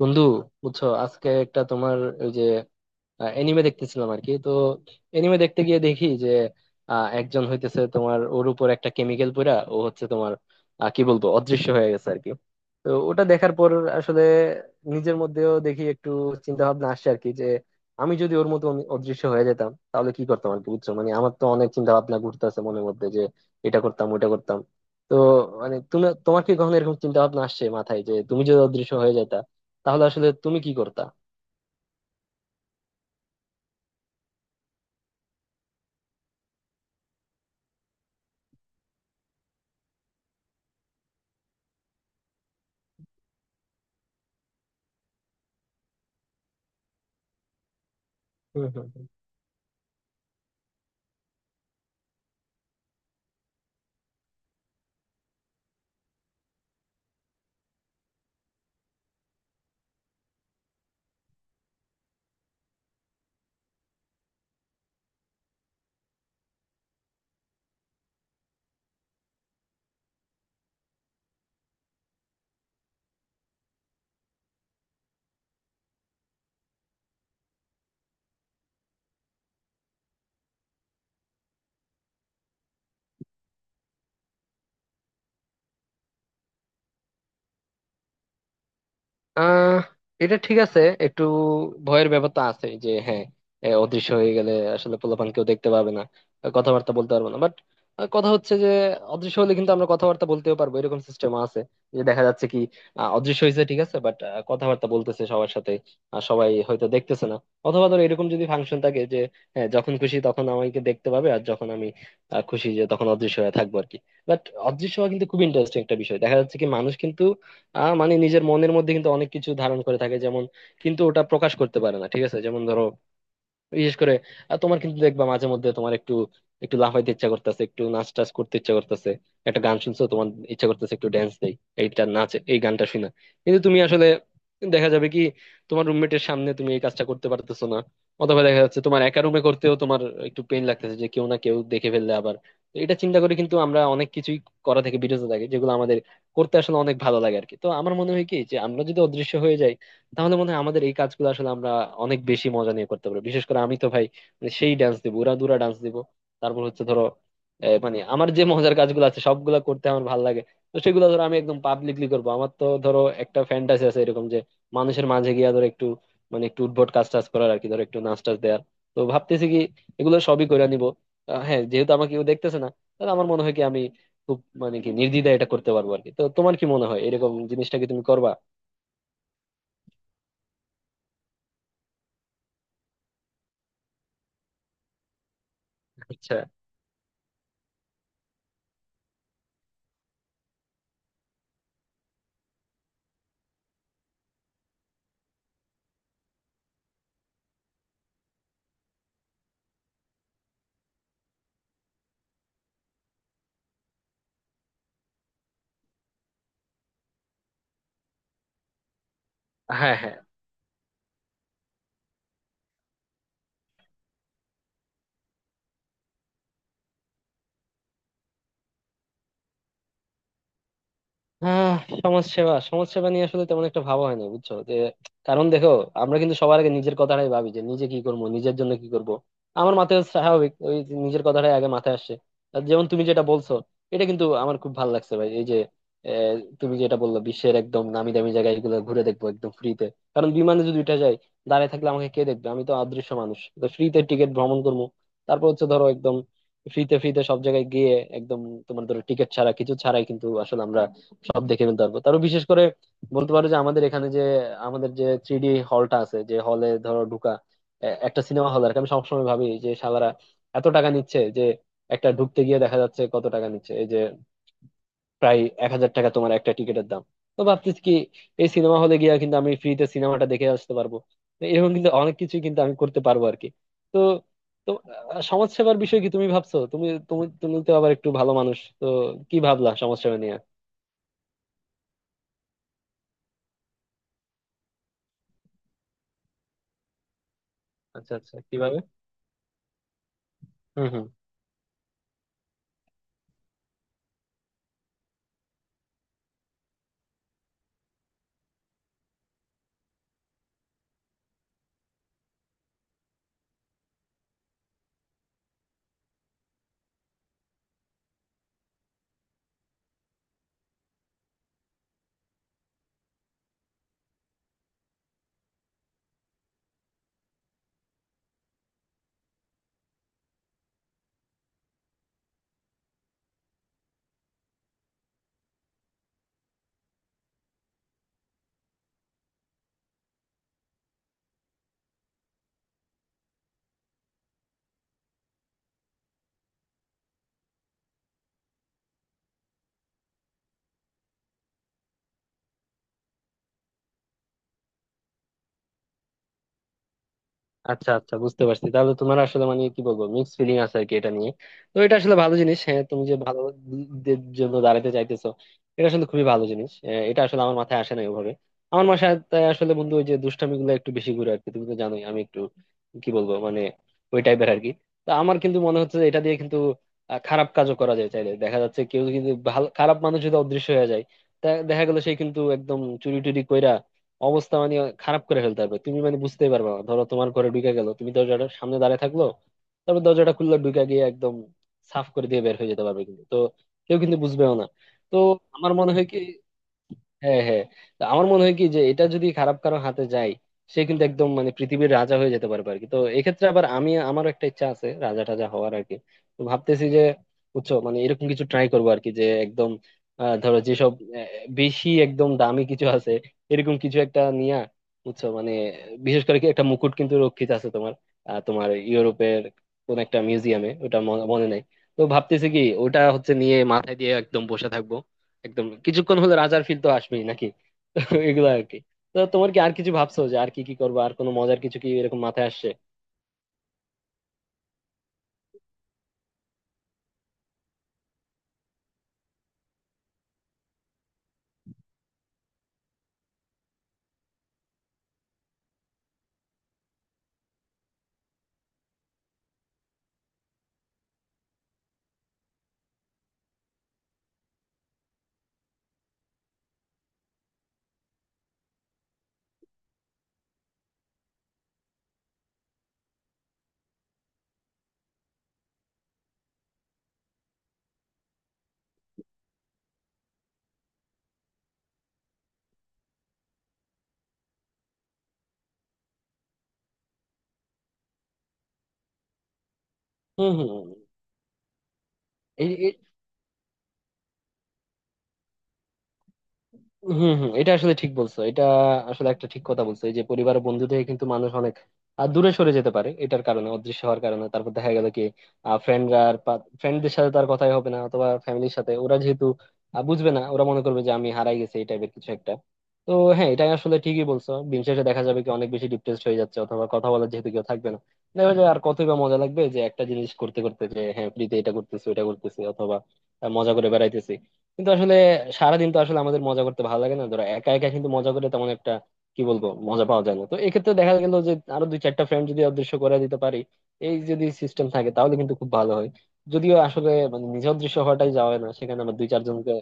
বন্ধু, বুঝছো আজকে একটা তোমার ওই যে এনিমে দেখতেছিলাম আর কি। তো এনিমে দেখতে গিয়ে দেখি যে একজন হইতেছে তোমার, ওর উপর একটা কেমিক্যাল পড়া, ও হচ্ছে তোমার কি বলবো, অদৃশ্য হয়ে গেছে আর কি। তো ওটা দেখার পর আসলে নিজের মধ্যেও দেখি একটু চিন্তা ভাবনা আসছে আর কি যে আমি যদি ওর মতো অদৃশ্য হয়ে যেতাম তাহলে কি করতাম আর কি। বুঝছো মানে আমার তো অনেক চিন্তা ভাবনা ঘুরতেছে মনের মধ্যে যে এটা করতাম ওটা করতাম। তো মানে তুমি, তোমার কি কখনো এরকম চিন্তা ভাবনা আসছে মাথায় যে তুমি যদি অদৃশ্য হয়ে যেতা তাহলে আসলে তুমি কি করতা? হম হম। আহ এটা ঠিক আছে। একটু ভয়ের ব্যাপার তো আছে যে, হ্যাঁ, অদৃশ্য হয়ে গেলে আসলে পোলাপান কেউ দেখতে পাবে না, কথাবার্তা বলতে পারবো না। বাট কথা হচ্ছে যে অদৃশ্য হলে কিন্তু আমরা কথাবার্তা বলতেও পারবো, এরকম সিস্টেম আছে যে দেখা যাচ্ছে কি অদৃশ্য হয়েছে ঠিক আছে, বাট কথাবার্তা বলতেছে সবার সাথে, আর সবাই হয়তো দেখতেছে না। অথবা ধর এরকম যদি ফাংশন থাকে যে হ্যাঁ, যখন খুশি তখন আমাকে দেখতে পাবে, আর যখন আমি খুশি যে তখন অদৃশ্য হয়ে থাকবো আর কি। বাট অদৃশ্য হওয়া কিন্তু খুব ইন্টারেস্টিং একটা বিষয়। দেখা যাচ্ছে কি মানুষ কিন্তু মানে নিজের মনের মধ্যে কিন্তু অনেক কিছু ধারণ করে থাকে, যেমন কিন্তু ওটা প্রকাশ করতে পারে না ঠিক আছে। যেমন ধরো বিশেষ করে আর তোমার কিন্তু দেখবা মাঝে মধ্যে তোমার একটু একটু লাফাইতে ইচ্ছা করতেছে, একটু নাচ টাচ করতে ইচ্ছা করতেছে, একটা গান শুনছো তোমার ইচ্ছা করতেছে একটু ড্যান্স দেই এইটা নাচ এই গানটা শুনে। কিন্তু তুমি আসলে দেখা যাবে কি তোমার রুমমেটের সামনে তুমি এই কাজটা করতে পারতেছো না, অথবা দেখা যাচ্ছে তোমার একা রুমে করতেও তোমার একটু পেইন লাগতেছে যে কেউ না কেউ দেখে ফেললে আবার। তো এটা চিন্তা করে কিন্তু আমরা অনেক কিছুই করা থেকে বিরত থাকি যেগুলো আমাদের করতে আসলে অনেক ভালো লাগে আর কি। তো আমার মনে হয় কি যে আমরা যদি অদৃশ্য হয়ে যাই তাহলে মনে হয় আমাদের এই কাজগুলো আসলে আমরা অনেক বেশি মজা নিয়ে করতে পারবো। বিশেষ করে আমি তো ভাই মানে সেই ডান্স দিব, উড়া দুরা ডান্স দিব। তারপর হচ্ছে ধরো মানে আমার যে মজার কাজগুলো আছে সবগুলা করতে আমার ভালো লাগে, তো সেগুলো ধরো আমি একদম পাবলিকলি করবো। আমার তো ধরো একটা ফ্যান্টাসি আছে এরকম যে মানুষের মাঝে গিয়া ধরো একটু মানে একটু উদ্ভট কাজ টাজ করার আর কি, ধরো একটু নাচ টাচ দেওয়ার। তো ভাবতেছি কি এগুলো সবই করে নিবো হ্যাঁ, যেহেতু আমাকে কেউ দেখতেছে না তাহলে আমার মনে হয় কি আমি খুব মানে কি নির্দ্বিধায় এটা করতে পারবো আর কি। তো তোমার কি মনে হয় এরকম জিনিসটা কি তুমি করবা? আচ্ছা। হ্যাঁ হ্যাঁ। আহ সমাজসেবা সমাজসেবা নিয়ে আসলে তেমন একটা ভাবা হয় না বুঝছো যে কারণ দেখো আমরা কিন্তু সবার আগে নিজের কথাটাই ভাবি যে নিজে কি করবো, নিজের জন্য কি করব। আমার মাথায় স্বাভাবিক ওই যে নিজের কথাটাই আগে মাথায় আসে। আর যেমন তুমি যেটা বলছো, এটা কিন্তু আমার খুব ভালো লাগছে ভাই। এই যে আহ, তুমি যেটা বললো বিশ্বের একদম নামি দামি জায়গা এগুলো ঘুরে দেখবো একদম ফ্রিতে, কারণ বিমানে যদি উঠে যায় দাঁড়ায় থাকলে আমাকে কে দেখবে, আমি তো অদৃশ্য মানুষ, তো ফ্রিতে টিকিট ভ্রমণ করবো। তারপর হচ্ছে ধরো একদম ফ্রিতে ফ্রিতে সব জায়গায় গিয়ে একদম তোমার ধরো টিকিট ছাড়া কিছু ছাড়াই কিন্তু আসলে আমরা সব দেখে ফেলতে পারবো। তারও বিশেষ করে বলতে পারো যে আমাদের এখানে যে আমাদের যে থ্রি ডি হলটা আছে, যে হলে ধরো ঢুকা একটা সিনেমা হল আর কি, আমি সবসময় ভাবি যে শালারা এত টাকা নিচ্ছে যে একটা ঢুকতে গিয়ে দেখা যাচ্ছে কত টাকা নিচ্ছে, এই যে প্রায় 1000 টাকা তোমার একটা টিকিটের দাম। তো ভাবতেছি কি এই সিনেমা হলে গিয়ে কিন্তু আমি ফ্রিতে সিনেমাটা দেখে আসতে পারবো। তো এরকম কিন্তু অনেক কিছু কিন্তু আমি করতে পারবো আর কি। তো তো সমাজসেবার বিষয়ে কি তুমি ভাবছো? তুমি তুমি তুমি তো আবার একটু ভালো মানুষ তো, কি ভাবলা সমাজসেবা নিয়ে? আচ্ছা আচ্ছা, কিভাবে? হম হম। আচ্ছা আচ্ছা বুঝতে পারছি। তাহলে তোমার আসলে মানে কি বলবো মিক্স ফিলিং আছে আর কি এটা নিয়ে। তো এটা আসলে ভালো জিনিস, হ্যাঁ তুমি যে ভালো দের জন্য দাঁড়াতে চাইতেছো এটা আসলে খুবই ভালো জিনিস। এটা আসলে আমার মাথায় আসে না ওভাবে, আমার মাথায় তাই আসলে বন্ধু ওই যে দুষ্টামি গুলো একটু বেশি ঘুরে আর কি। তুমি তো জানোই আমি একটু কি বলবো মানে ওই টাইপের আর কি। তো আমার কিন্তু মনে হচ্ছে যে এটা দিয়ে কিন্তু খারাপ কাজও করা যায় চাইলে। দেখা যাচ্ছে কেউ কিন্তু ভালো খারাপ মানুষ যদি অদৃশ্য হয়ে যায় তা দেখা গেল সে কিন্তু একদম চুরি টুরি কইরা অবস্থা মানে খারাপ করে ফেলতে পারবে, তুমি মানে বুঝতেই পারবে না। ধরো তোমার ঘরে ঢুকে গেল, তুমি দরজাটা সামনে দাঁড়ায় থাকলো, তারপর দরজাটা খুললো ঢুকে গিয়ে একদম সাফ করে দিয়ে বের হয়ে যেতে পারবে কিন্তু। তো কেউ কিন্তু বুঝবেও না। তো আমার মনে হয় কি, হ্যাঁ হ্যাঁ, তো আমার মনে হয় কি যে এটা যদি খারাপ কারো হাতে যায় সে কিন্তু একদম মানে পৃথিবীর রাজা হয়ে যেতে পারবে আর কি। তো এক্ষেত্রে আবার আমারও একটা ইচ্ছা আছে রাজা টাজা হওয়ার আর কি। তো ভাবতেছি যে বুঝছো মানে এরকম কিছু ট্রাই করবো আর কি যে একদম ধরো যেসব আহ, বেশি একদম দামি কিছু আছে এরকম কিছু একটা নিয়া, বুঝছো মানে বিশেষ করে কি একটা মুকুট কিন্তু রক্ষিত আছে তোমার তোমার ইউরোপের কোন একটা মিউজিয়ামে, ওটা মনে মনে নাই। তো ভাবতেছি কি ওটা হচ্ছে নিয়ে মাথায় দিয়ে একদম বসে থাকবো, একদম কিছুক্ষণ হলে রাজার ফিল তো আসবেই নাকি। তো এগুলো আর কি। তো তোমার কি আর কিছু ভাবছো যে আর কি কি করবো, আর কোনো মজার কিছু কি এরকম মাথায় আসছে? হম হম। এই হম হম। এটা আসলে ঠিক বলছো, এটা আসলে একটা ঠিক কথা বলছো। এই যে পরিবার ও বন্ধু থেকে কিন্তু মানুষ অনেক দূরে সরে যেতে পারে এটার কারণে, অদৃশ্য হওয়ার কারণে। তারপর দেখা গেল কি ফ্রেন্ডরা আর ফ্রেন্ডদের সাথে তার কথাই হবে না, অথবা ফ্যামিলির সাথে, ওরা যেহেতু বুঝবে না ওরা মনে করবে যে আমি হারাই গেছি এই টাইপের কিছু একটা। তো হ্যাঁ এটা আসলে ঠিকই বলছো, দিন শেষে দেখা যাবে কি অনেক বেশি ডিপ্রেসড হয়ে যাচ্ছে অথবা কথা বলার যেহেতু কেউ থাকবে না দেখা যায় আর কতই বা মজা লাগবে যে একটা জিনিস করতে করতে যে হ্যাঁ ফ্রিতে এটা করতেছি ওটা করতেছি অথবা মজা করে বেড়াইতেছি। কিন্তু আসলে সারাদিন তো আসলে আমাদের মজা করতে ভালো লাগে না, ধরো একা একা কিন্তু মজা করে তেমন একটা কি বলবো মজা পাওয়া যায় না। তো এক্ষেত্রে দেখা গেল যে আরো দুই চারটা ফ্রেন্ড যদি অদৃশ্য করে দিতে পারি এই যদি সিস্টেম থাকে তাহলে কিন্তু খুব ভালো হয়, যদিও আসলে মানে নিজে অদৃশ্য হওয়াটাই যাওয়া হয় না, সেখানে আমার দুই চারজনকে।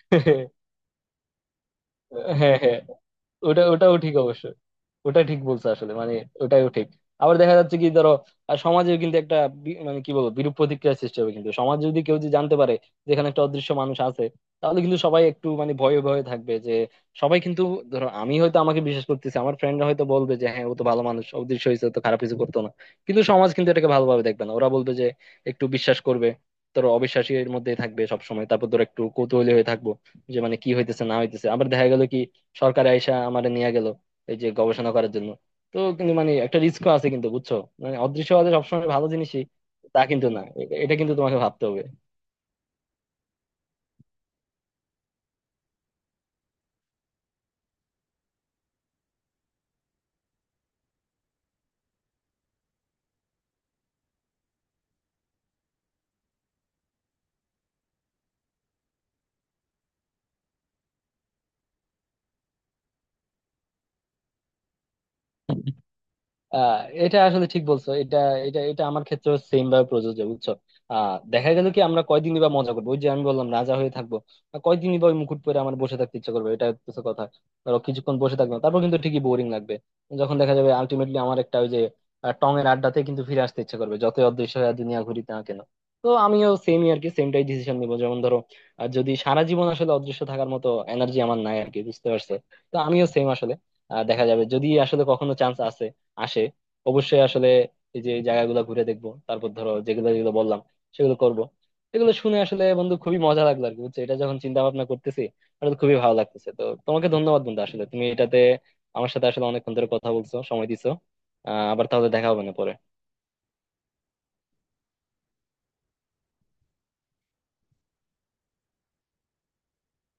হ্যাঁ হ্যাঁ, ওটাও ঠিক অবশ্য, ওটা ঠিক বলছো আসলে মানে ওটাও ঠিক। আবার দেখা যাচ্ছে কি ধরো আর সমাজেও কিন্তু একটা মানে কি বলবো বিরূপ প্রতিক্রিয়ার সৃষ্টি হবে কিন্তু সমাজ, যদি কেউ যদি জানতে পারে যে এখানে একটা অদৃশ্য মানুষ আছে তাহলে কিন্তু সবাই একটু মানে ভয়ে ভয়ে থাকবে যে, সবাই কিন্তু ধরো আমি হয়তো, আমাকে বিশ্বাস করতেছি আমার ফ্রেন্ডরা হয়তো বলবে যে হ্যাঁ ও তো ভালো মানুষ অদৃশ্য হয়েছে ও তো খারাপ কিছু করতো না, কিন্তু সমাজ কিন্তু এটাকে ভালোভাবে দেখবে না, ওরা বলবে যে একটু বিশ্বাস করবে, ধরো অবিশ্বাসীর মধ্যেই থাকবে সবসময়। তারপর ধরো একটু কৌতূহলী হয়ে থাকবো যে মানে কি হইতেছে না হইতেছে, আবার দেখা গেল কি সরকার আইসা আমারে নিয়ে গেল এই যে গবেষণা করার জন্য। তো কিন্তু মানে একটা রিস্কও আছে কিন্তু বুঝছো, মানে অদৃশ্যবাদী সবসময় ভালো জিনিসই তা কিন্তু না, এটা কিন্তু তোমাকে ভাবতে হবে। আহ এটা আসলে ঠিক বলছো, এটা এটা এটা আমার ক্ষেত্রে সেম ভাবে প্রযোজ্য বুঝছো। দেখা গেল কি আমরা কয়দিনই বা মজা করবো, ওই যে আমি বললাম রাজা হয়ে থাকবো আর কয়দিনই বা ওই মুকুট পরে আমার বসে থাকতে ইচ্ছা করবে, এটা কিছু কথা। ধরো কিছুক্ষণ বসে থাকলাম তারপর কিন্তু ঠিকই বোরিং লাগবে, যখন দেখা যাবে আলটিমেটলি আমার একটা ওই যে টং এর আড্ডাতে কিন্তু ফিরে আসতে ইচ্ছা করবে যতই অদৃশ্য হয়ে দুনিয়া ঘুরিতে না কেন। তো আমিও সেমই আর কি, সেমটাই ডিসিশন নিবো। যেমন ধরো যদি সারা জীবন আসলে অদৃশ্য থাকার মতো এনার্জি আমার নাই আর কি, বুঝতে পারছো। তো আমিও সেম আসলে দেখা যাবে যদি আসলে কখনো চান্স আছে আসে অবশ্যই আসলে এই যে এই জায়গাগুলো ঘুরে দেখবো, তারপর ধরো যেগুলো যেগুলো বললাম সেগুলো করব। এগুলো শুনে আসলে বন্ধু খুবই মজা লাগলো আর কি বুঝছো, এটা যখন চিন্তা ভাবনা করতেছি আসলে খুবই ভালো লাগতেছে। তো তোমাকে ধন্যবাদ বন্ধু, আসলে তুমি এটাতে আমার সাথে আসলে অনেকক্ষণ ধরে কথা বলছো, সময় দিছো। আবার তাহলে দেখা হবে না পরে।